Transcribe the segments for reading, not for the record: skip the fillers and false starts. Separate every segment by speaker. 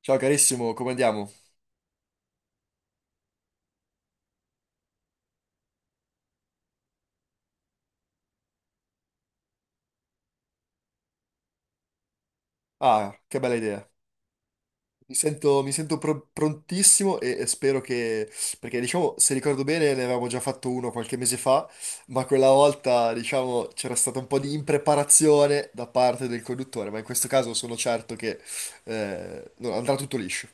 Speaker 1: Ciao carissimo, come andiamo? Ah, che bella idea. Mi sento prontissimo e spero che. Perché diciamo, se ricordo bene, ne avevamo già fatto uno qualche mese fa, ma quella volta, diciamo, c'era stata un po' di impreparazione da parte del conduttore, ma in questo caso sono certo che no, andrà tutto liscio.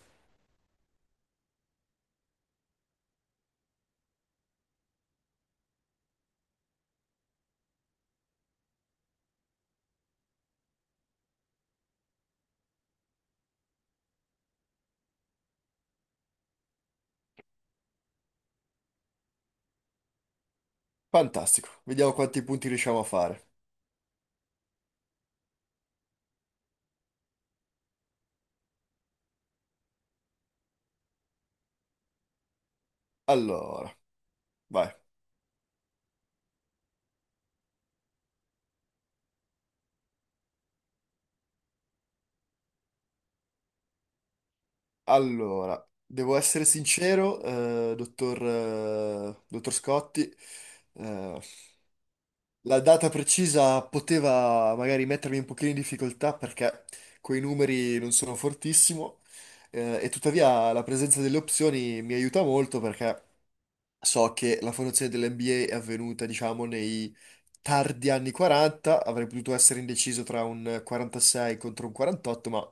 Speaker 1: Fantastico, vediamo quanti punti riusciamo a fare. Allora, vai. Allora, devo essere sincero, dottor Scotti. eh, La data precisa poteva magari mettermi un pochino in difficoltà perché quei numeri non sono fortissimo e tuttavia la presenza delle opzioni mi aiuta molto perché so che la fondazione dell'NBA è avvenuta, diciamo, nei tardi anni 40, avrei potuto essere indeciso tra un 46 contro un 48, ma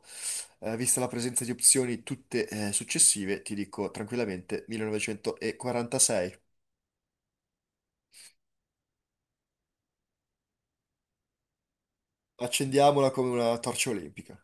Speaker 1: vista la presenza di opzioni tutte successive, ti dico tranquillamente 1946. Accendiamola come una torcia olimpica.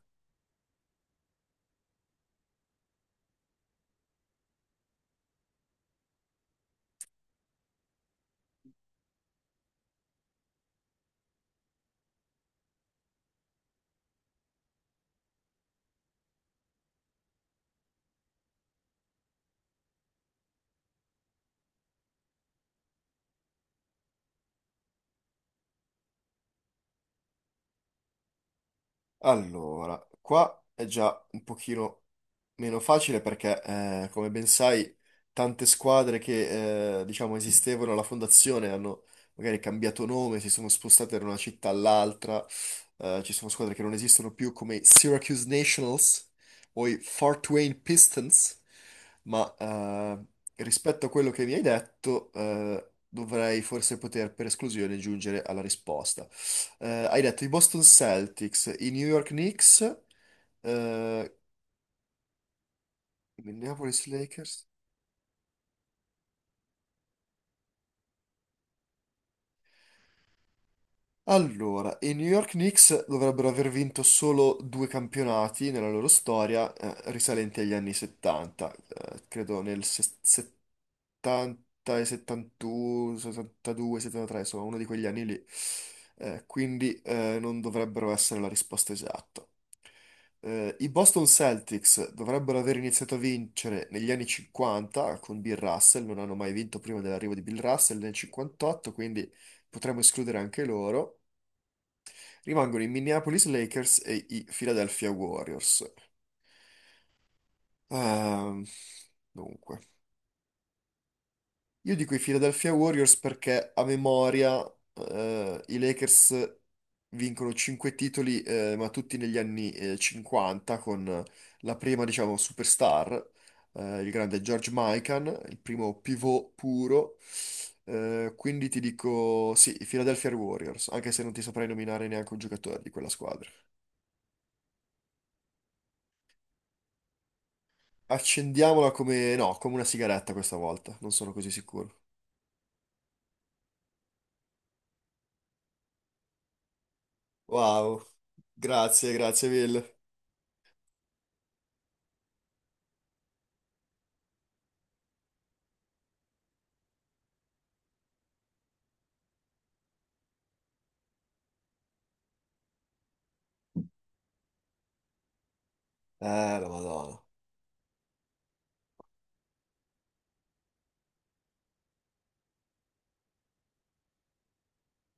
Speaker 1: Allora, qua è già un pochino. Meno facile perché, come ben sai, tante squadre che, diciamo, esistevano alla fondazione hanno magari cambiato nome, si sono spostate da una città all'altra, ci sono squadre che non esistono più come i Syracuse Nationals o i Fort Wayne Pistons, ma rispetto a quello che mi hai detto, dovrei forse poter per esclusione giungere alla risposta. Hai detto i Boston Celtics, i New York Knicks, eh, Minneapolis Lakers. Allora, i New York Knicks dovrebbero aver vinto solo due campionati nella loro storia, risalenti agli anni 70, credo nel 70 e 71, 72, 73, insomma, uno di quegli anni lì. Quindi non dovrebbero essere la risposta esatta. I Boston Celtics dovrebbero aver iniziato a vincere negli anni 50 con Bill Russell, non hanno mai vinto prima dell'arrivo di Bill Russell nel 58, quindi potremmo escludere anche loro. Rimangono i Minneapolis Lakers e i Philadelphia Warriors. Ehm, dunque. Io dico i Philadelphia Warriors perché a memoria i Lakers vincono 5 titoli, ma tutti negli anni 50, con la prima, diciamo, superstar, il grande George Mikan, il primo pivot puro. Quindi ti dico sì, i Philadelphia Warriors, anche se non ti saprei nominare neanche un giocatore di quella squadra. Accendiamola come, no, come una sigaretta questa volta, non sono così sicuro. Wow, grazie, grazie mille. Eh, la Madonna.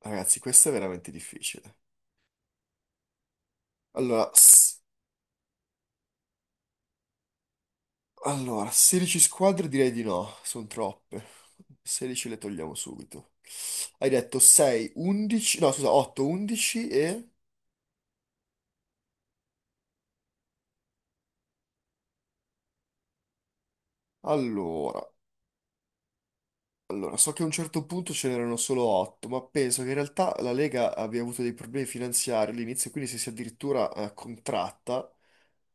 Speaker 1: Ragazzi, questo è veramente difficile. Allora, allora, 16 squadre direi di no, sono troppe. 16 le togliamo subito. Hai detto 6, 11, no scusa, 8, 11 e. Allora, allora, so che a un certo punto ce n'erano solo 8, ma penso che in realtà la Lega abbia avuto dei problemi finanziari all'inizio, quindi si sia addirittura contratta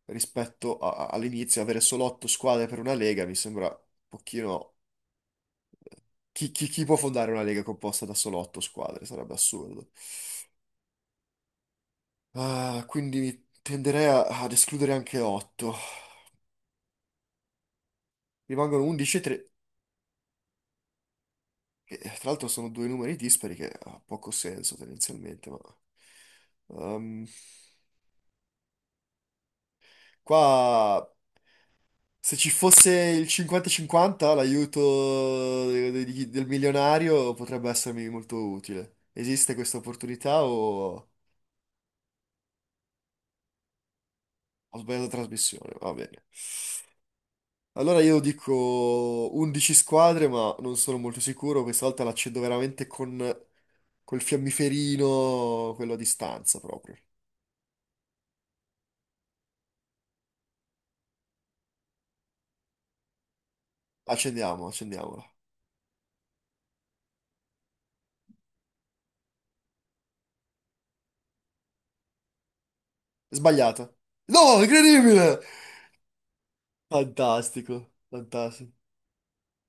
Speaker 1: rispetto all'inizio, avere solo 8 squadre per una Lega mi sembra un pochino. Chi può fondare una lega composta da solo otto squadre? Sarebbe assurdo. Ah, quindi tenderei ad escludere anche otto. Rimangono 11 e 3, che tra l'altro sono due numeri dispari che ha poco senso tendenzialmente, ma. Ehm, qua, se ci fosse il 50-50, l'aiuto del milionario potrebbe essermi molto utile. Esiste questa opportunità o ho sbagliato trasmissione? Va bene. Allora io dico 11 squadre, ma non sono molto sicuro. Questa volta l'accendo veramente con col fiammiferino, quello a distanza proprio. Accendiamo, accendiamola. Sbagliata. No, incredibile! Fantastico, fantastico.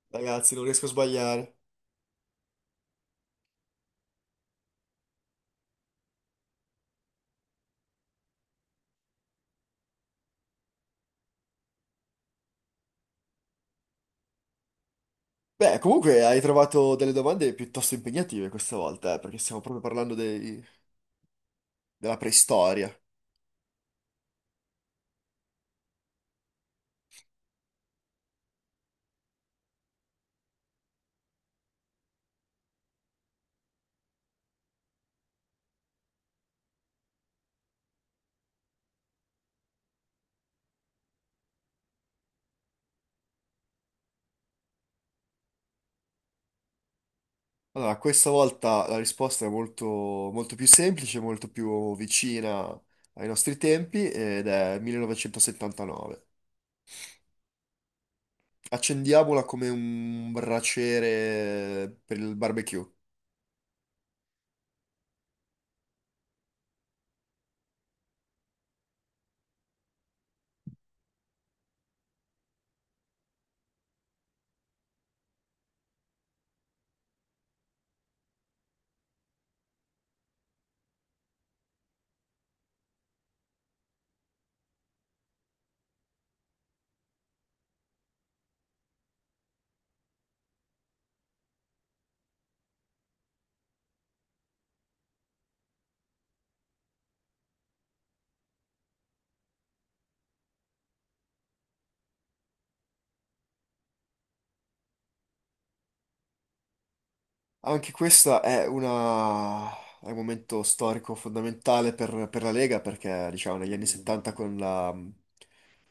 Speaker 1: Ragazzi, non riesco a sbagliare. Beh, comunque hai trovato delle domande piuttosto impegnative questa volta, perché stiamo proprio parlando della preistoria. Allora, questa volta la risposta è molto, molto più semplice, molto più vicina ai nostri tempi ed è 1979. Accendiamola come un braciere per il barbecue. Anche questa è un momento storico fondamentale per la Lega perché, diciamo, negli anni 70 con la,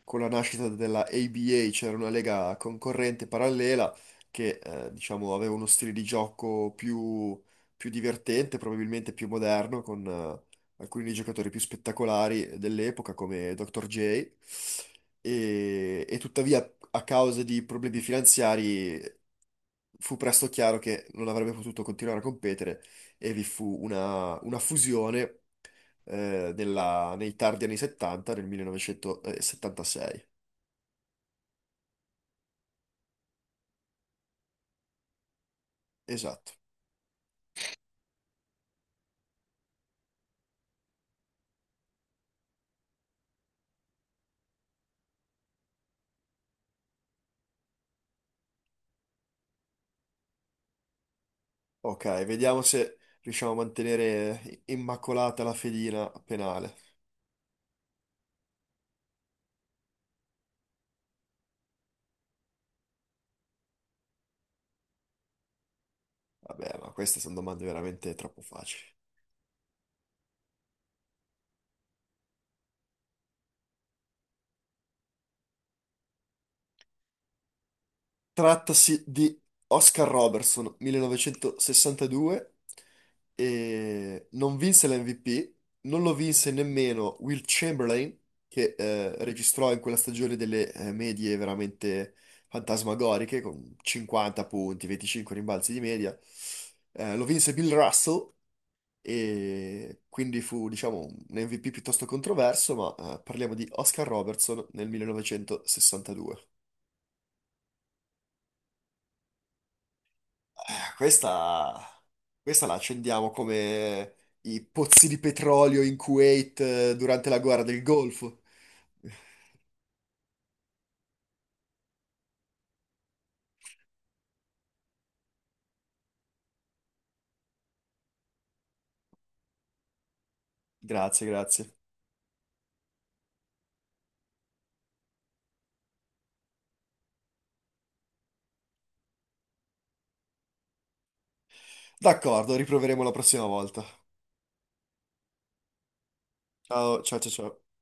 Speaker 1: con la nascita della ABA c'era una Lega concorrente parallela che, diciamo, aveva uno stile di gioco più divertente, probabilmente più moderno, con alcuni dei giocatori più spettacolari dell'epoca come Dr. J. E tuttavia, a causa di problemi finanziari fu presto chiaro che non avrebbe potuto continuare a competere e vi fu una fusione nei tardi anni 70, nel 1976. Esatto. Ok, vediamo se riusciamo a mantenere immacolata la fedina penale. Vabbè, ma queste sono domande veramente troppo facili. Trattasi di Oscar Robertson, 1962, e non vinse l'MVP, non lo vinse nemmeno Will Chamberlain, che registrò in quella stagione delle medie veramente fantasmagoriche, con 50 punti, 25 rimbalzi di media. Lo vinse Bill Russell, e quindi fu, diciamo, un MVP piuttosto controverso, ma parliamo di Oscar Robertson nel 1962. Ah, questa la accendiamo come i pozzi di petrolio in Kuwait durante la guerra del Golfo. Grazie, grazie. D'accordo, riproveremo la prossima volta. Ciao, ciao, ciao, ciao.